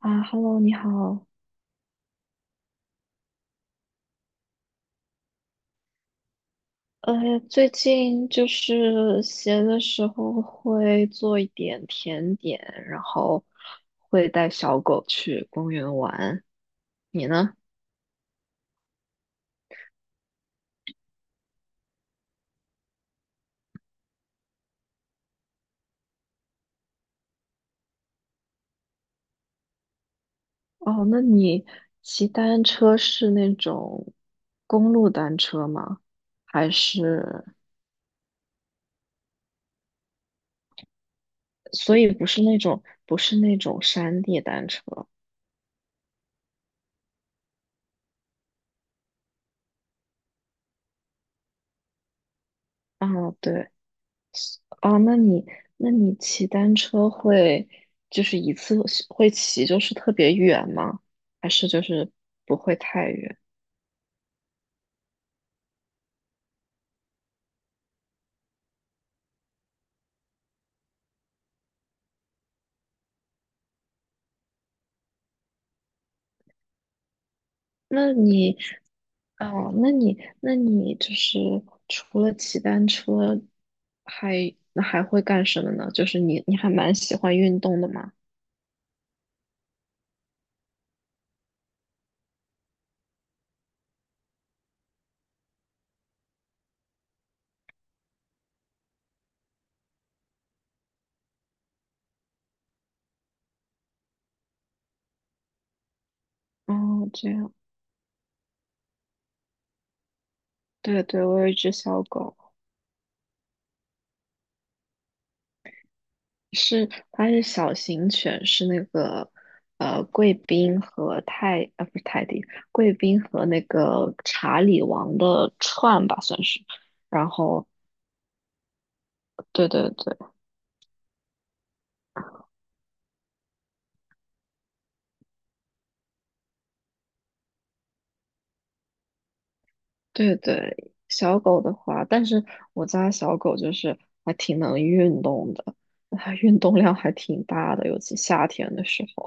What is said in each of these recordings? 啊，Hello，你好。最近就是闲的时候会做一点甜点，然后会带小狗去公园玩。你呢？哦，那你骑单车是那种公路单车吗？还是，所以不是那种山地单车？啊，对。哦，那你骑单车会就是一次会骑就是特别远吗？还是就是不会太远？那你哦，那你就是除了骑单车还，那还会干什么呢？就是你还蛮喜欢运动的嘛？哦，这样，对对，我有一只小狗。是，它是小型犬，是那个贵宾和泰啊不是泰迪，贵宾和那个查理王的串吧算是。然后，对对对对对，小狗的话，但是我家小狗就是还挺能运动的，它运动量还挺大的，尤其夏天的时候。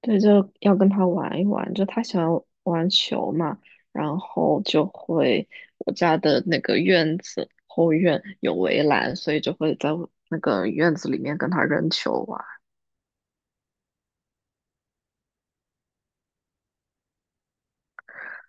对，就要跟他玩一玩，就他喜欢玩球嘛，然后我家的那个院子后院有围栏，所以就会在我那个院子里面跟他扔球玩。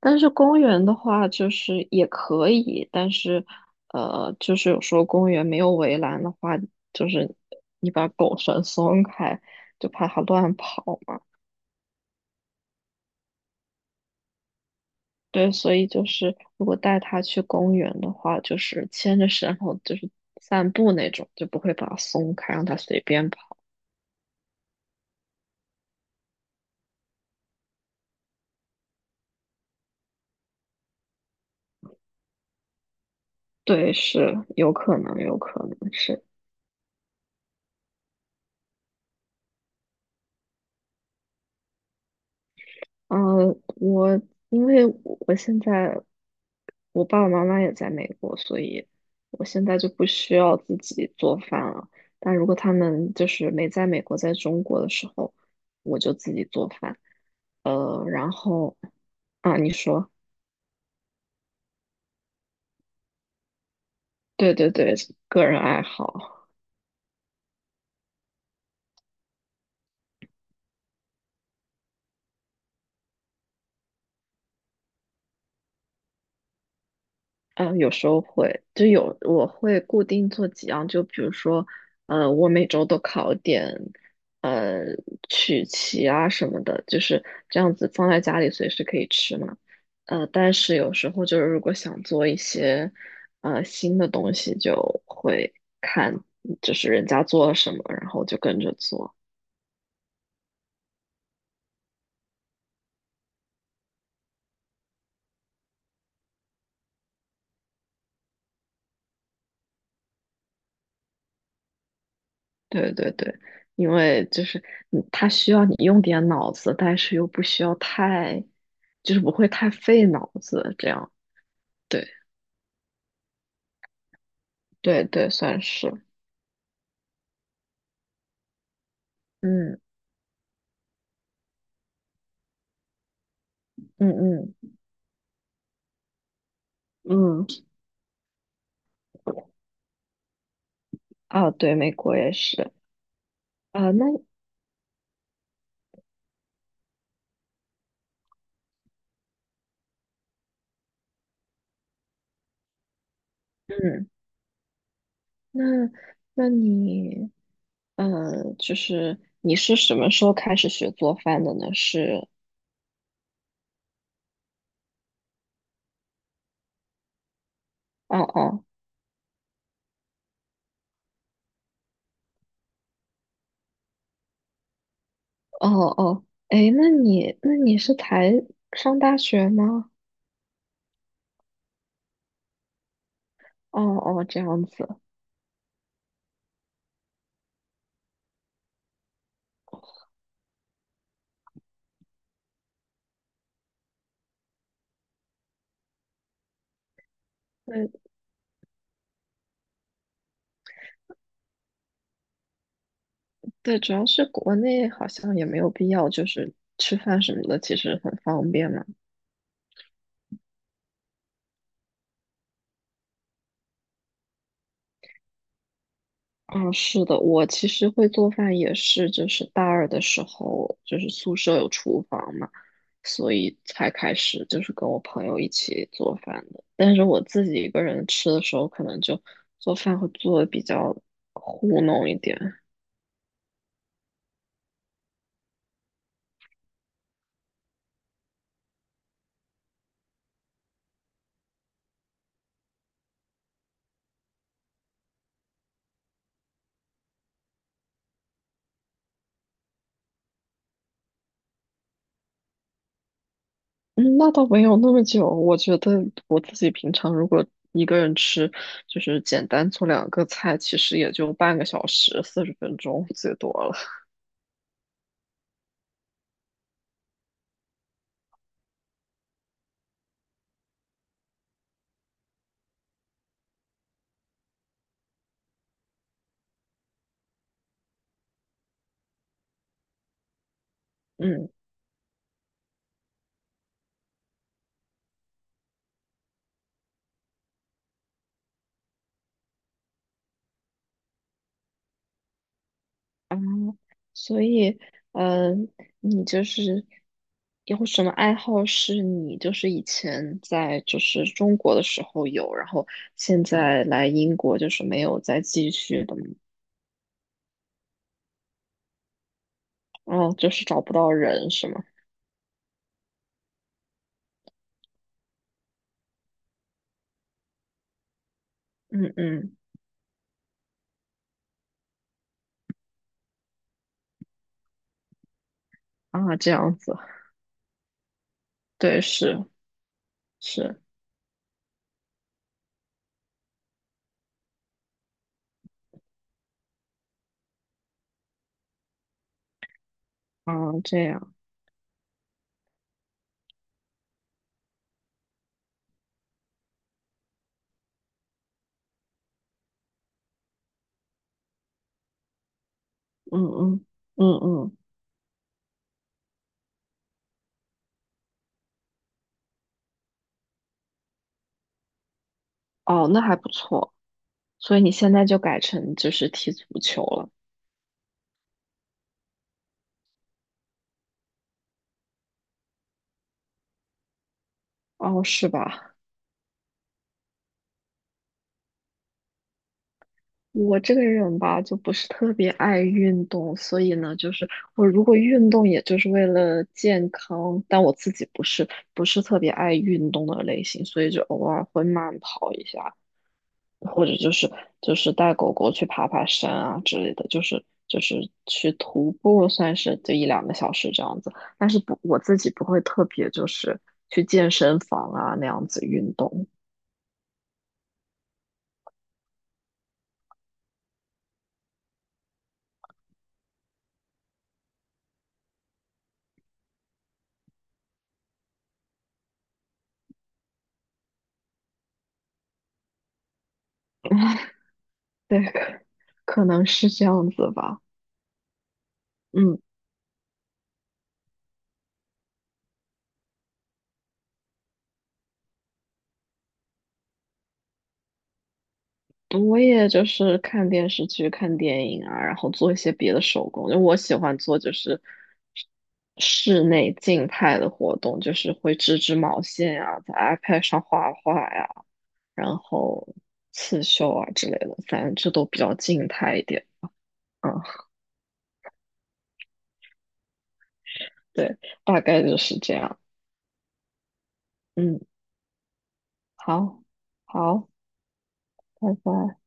但是公园的话，就是也可以，但是就是有时候公园没有围栏的话，就是你把狗绳松开，就怕它乱跑嘛。对，所以就是如果带他去公园的话，就是牵着绳，然后就是散步那种，就不会把它松开，让它随便跑。对，是有可能，有可能是。呃，我因为我现在我爸爸妈妈也在美国，所以我现在就不需要自己做饭了。但如果他们就是没在美国，在中国的时候，我就自己做饭。然后啊，你说。对对对，个人爱好，嗯，有时候会，我会固定做几样，就比如说，我每周都烤点，呃，曲奇啊什么的，就是这样子放在家里随时可以吃嘛。但是有时候就是如果想做一些，新的东西，就会看就是人家做了什么，然后就跟着做。对对对，因为就是你，它需要你用点脑子，但是又不需要太，就是不会太费脑子，这样。对对对，算是，嗯嗯嗯嗯，啊，对，美国也是啊。那嗯，那那你，就是你是什么时候开始学做饭的呢？是，哦哦哦哦，哎，那你是才上大学吗？哦哦，这样子。那。对，主要是国内好像也没有必要，就是吃饭什么的，其实很方便嘛。嗯，是的，我其实会做饭也是，就是大二的时候，就是宿舍有厨房嘛，所以才开始就是跟我朋友一起做饭的。但是我自己一个人吃的时候，可能就做饭会做的比较糊弄一点。嗯，那倒没有那么久。我觉得我自己平常如果一个人吃，就是简单做两个菜，其实也就半个小时，40分钟最多了。嗯啊，所以嗯，你就是有什么爱好是你就是以前在就是中国的时候有，然后现在来英国就是没有再继续的吗？哦，就是找不到人是吗？嗯嗯啊，这样子，对，是是。啊，这样，嗯嗯嗯嗯，哦，那还不错。所以你现在就改成就是踢足球了，哦，是吧？我这个人吧，就不是特别爱运动，所以呢，就是我如果运动，也就是为了健康，但我自己不是特别爱运动的类型，所以就偶尔会慢跑一下，或者就是带狗狗去爬爬山啊之类的，就是去徒步，算是就一两个小时这样子。但是不，我自己不会特别就是去健身房啊那样子运动。对，可能是这样子吧。嗯，我也就是看电视剧、看电影啊，然后做一些别的手工。因为我喜欢做就是室内静态的活动，就是会织织毛线啊，在 iPad 上画画呀、然后刺绣啊之类的，反正这都比较静态一点。啊。对，大概就是这样。嗯，好，好，拜拜。